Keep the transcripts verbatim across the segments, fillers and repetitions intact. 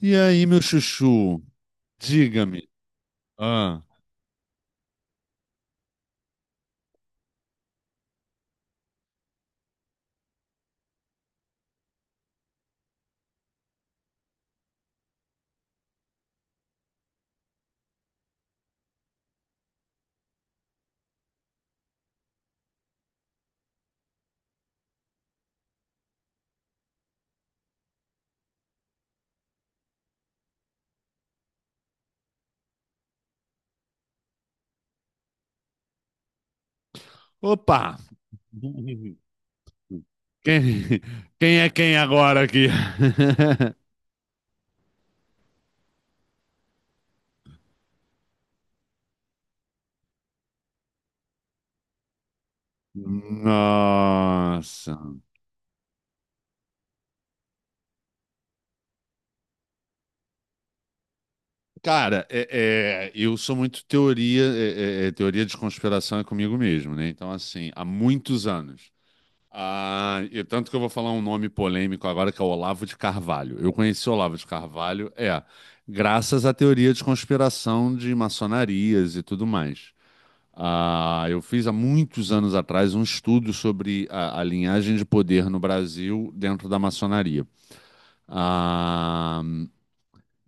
E aí, meu chuchu, diga-me. Ah, opa! Quem, quem é quem agora aqui? Nossa. Cara, é- é, eu sou muito teoria, é- é- é, teoria de conspiração é comigo mesmo, né? Então, assim, há muitos anos. Ah, e tanto que eu vou falar um nome polêmico agora, que é o Olavo de Carvalho. Eu conheci o Olavo de Carvalho, é, graças à teoria de conspiração de maçonarias e tudo mais. Ah, eu fiz há muitos anos atrás um estudo sobre a, a linhagem de poder no Brasil dentro da maçonaria. Ah,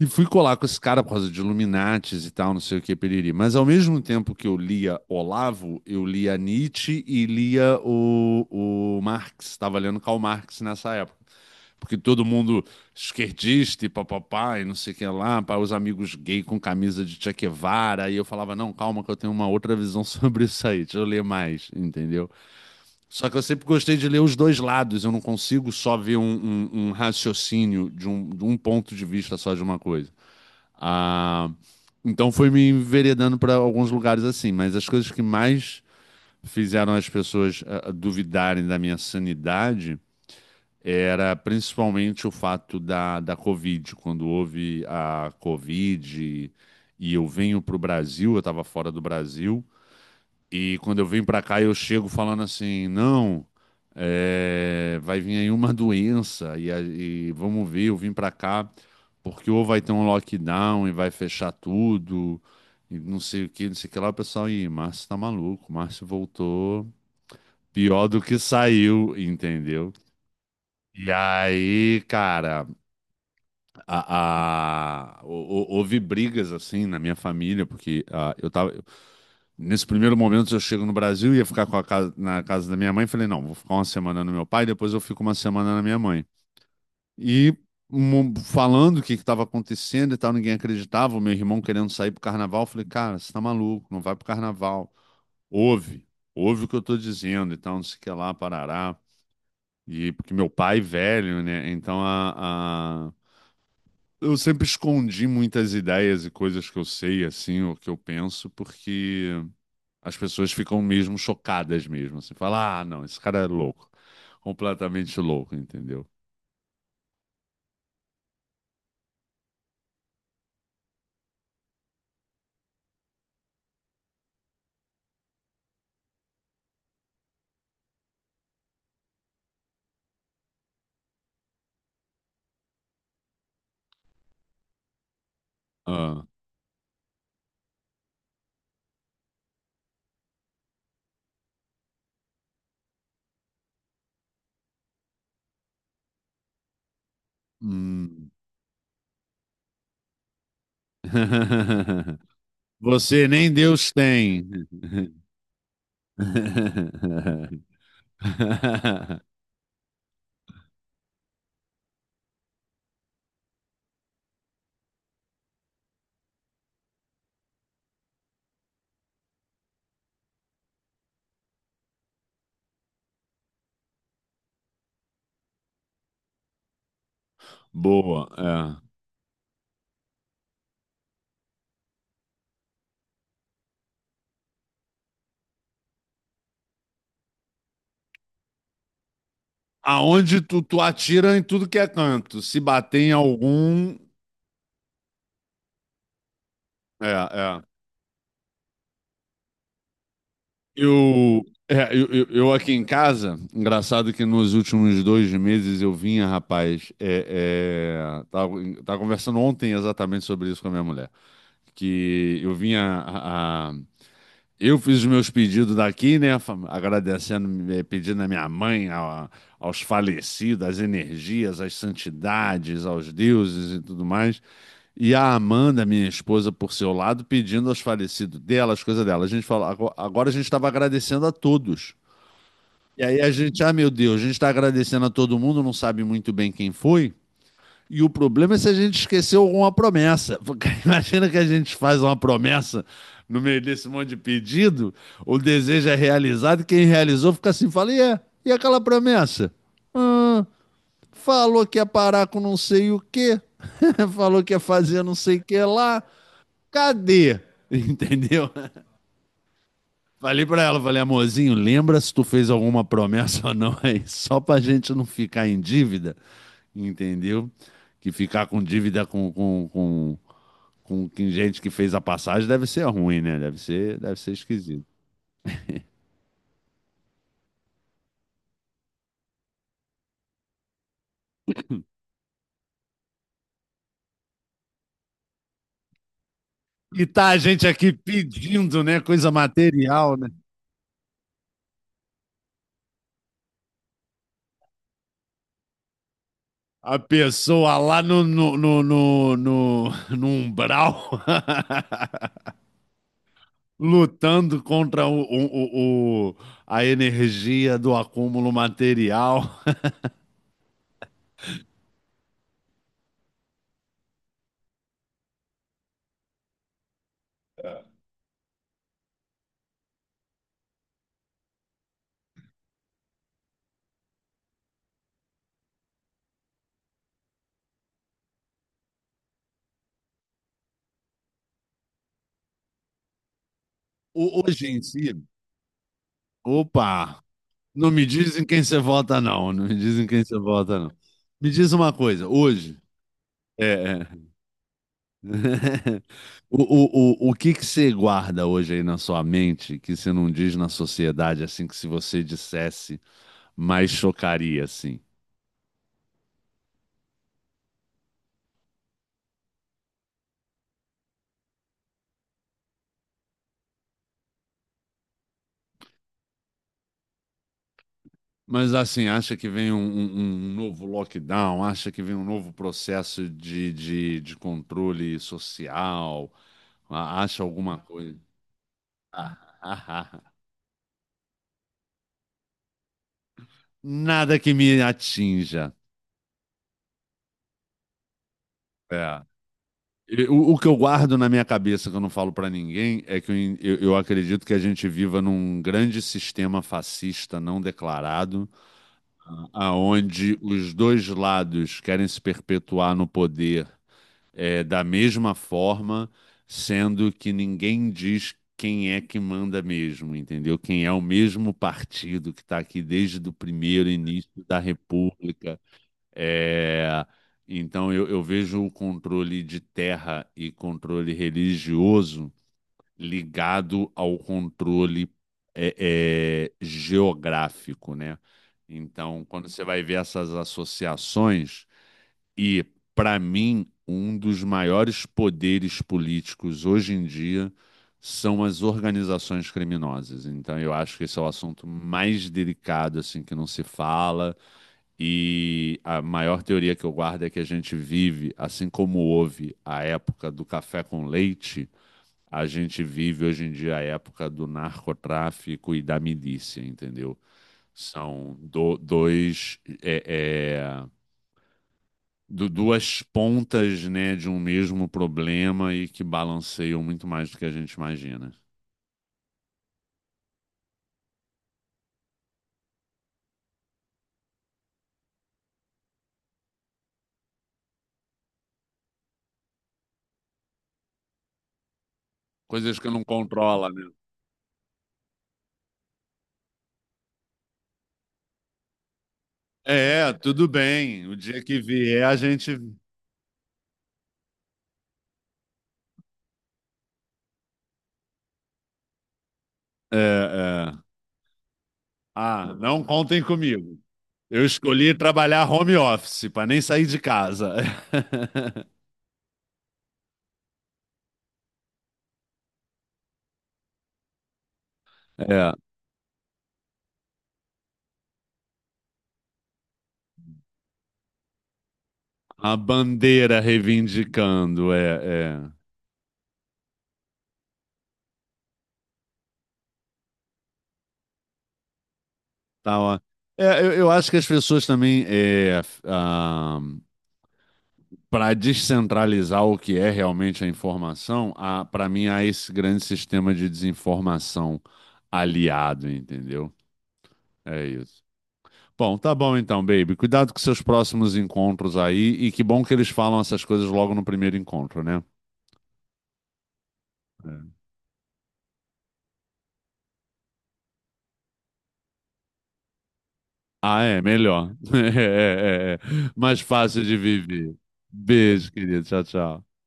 e fui colar com esse cara por causa de Illuminates e tal, não sei o que, periri. Mas ao mesmo tempo que eu lia Olavo, eu lia Nietzsche e lia o, o Marx. Estava lendo Karl Marx nessa época porque todo mundo esquerdista e papapá e não sei o que lá, para os amigos gay com camisa de Che Guevara, e eu falava, não, calma que eu tenho uma outra visão sobre isso aí, deixa eu ler mais, entendeu? Só que eu sempre gostei de ler os dois lados, eu não consigo só ver um, um- um raciocínio de um, de um ponto de vista só de uma coisa. Ah, então foi me enveredando para alguns lugares assim, mas as coisas que mais fizeram as pessoas ah, duvidarem da minha sanidade era principalmente o fato da, da Covid. Quando houve a Covid e eu venho para o Brasil, eu estava fora do Brasil, e quando eu venho para cá eu chego falando assim, não, é, vai vir aí uma doença e, a- e vamos ver, eu vim para cá porque ou vai ter um lockdown e vai fechar tudo, e não sei o que, não sei o que lá, o pessoal, ih, Márcio tá maluco, Márcio voltou pior do que saiu, entendeu? E aí, cara, A, a- hô- houve brigas assim na minha família, porque ah, eu tava. Nesse primeiro momento eu chego no Brasil, ia ficar com a casa, na casa da minha mãe. Falei, não, vou ficar uma semana no meu pai, depois eu fico uma semana na minha mãe. E mu- falando o que estava acontecendo e tal, ninguém acreditava. O meu irmão querendo sair pro carnaval. Eu falei, cara, você tá maluco, não vai pro carnaval. Ouve, ouve o que eu tô dizendo, então não sei o que lá, parará. E porque meu pai é velho, né? Então a, eu sempre escondi muitas ideias e coisas que eu sei, assim, ou que eu penso, porque as pessoas ficam mesmo chocadas mesmo, assim, fala, ah, não, esse cara é louco, completamente louco, entendeu? Ah, hum. Você nem Deus tem. Boa, é. Aonde tu, tu atira em tudo que é canto, se bater em algum, é, é. Eu, é, eu, eu, eu aqui em casa, engraçado que nos últimos dois meses eu vinha, rapaz, é, é, tava, tava conversando ontem exatamente sobre isso com a minha mulher, que eu vinha a, a- eu fiz os meus pedidos daqui, né? fa- Agradecendo, eh, pedindo à minha mãe, a- aos falecidos, às energias, às santidades, aos deuses e tudo mais. E a Amanda, minha esposa, por seu lado, pedindo aos falecidos dela, as coisas dela. A gente falou, ago- agora a gente estava agradecendo a todos. E aí a gente, ah, meu Deus, a gente está agradecendo a todo mundo, não sabe muito bem quem foi. E o problema é se a gente esqueceu alguma promessa. Porque imagina que a gente faz uma promessa no meio desse monte de pedido, o desejo é realizado, e quem realizou fica assim, fala, e, é, e aquela promessa? Hum, falou que ia parar com não sei o quê, falou que ia fazer não sei o que lá, cadê? Entendeu? Falei pra ela, falei, amorzinho, lembra se tu fez alguma promessa ou não aí, só pra gente não ficar em dívida entendeu? Que ficar com dívida com, com, com, com quem- gente que fez a passagem deve ser ruim, né? Deve ser, deve ser esquisito. E tá a gente aqui pedindo, né? Coisa material, né? A pessoa lá no, no, no, no, no- no umbral lutando contra o, o, o- o- a energia do acúmulo material. O- hoje em si, opa, não me dizem quem você vota, não. Não me dizem quem você vota, não. Me diz uma coisa, hoje. É. É. O, o, o, o que que você guarda hoje aí na sua mente que você não diz na sociedade, assim, que se você dissesse, mais chocaria, assim? Mas, assim, acha que vem um, um- um novo lockdown? Acha que vem um novo processo de, de, de controle social? A- Acha alguma coisa? Ah, ah, ah. Nada que me atinja. É. E O, o que eu guardo na minha cabeça, que eu não falo pra ninguém, é que eu, en- eu- eu acredito que a gente viva num grande sistema fascista não declarado, a- aonde os dois lados querem se perpetuar no poder é, da mesma forma, sendo que ninguém diz quem é que manda mesmo, entendeu? Quem é o mesmo partido que está aqui desde o primeiro início da República. É, então eu, eu vejo o controle de terra e controle religioso ligado ao controle é, é, geográfico, né? Então, quando você vai ver essas associações, e para mim, um dos maiores poderes políticos hoje em dia são as organizações criminosas. Então, eu acho que esse é o assunto mais delicado assim que não se fala e a maior teoria que eu guardo é que a gente vive, assim como houve a época do café com leite, a gente vive hoje em dia a época do narcotráfico e da milícia, entendeu? São do- dois, é, é, du- duas pontas, né, de um mesmo problema e que balanceiam muito mais do que a gente imagina. Coisas que não controla, né? É, tudo bem. O dia que vier, a gente. É, é. Ah, não contem comigo. Eu escolhi trabalhar home office para nem sair de casa. É, a bandeira reivindicando, é, é. Tá, ó. É, eu, eu acho que as pessoas também, é, para descentralizar o que é realmente a informação, para mim há esse grande sistema de desinformação aliado, entendeu? É isso. Bom, tá bom então, baby. Cuidado com seus próximos encontros aí. E que bom que eles falam essas coisas logo no primeiro encontro, né? É. Ah, é, melhor. É, é, é. Mais fácil de viver. Beijo, querido. Tchau, tchau.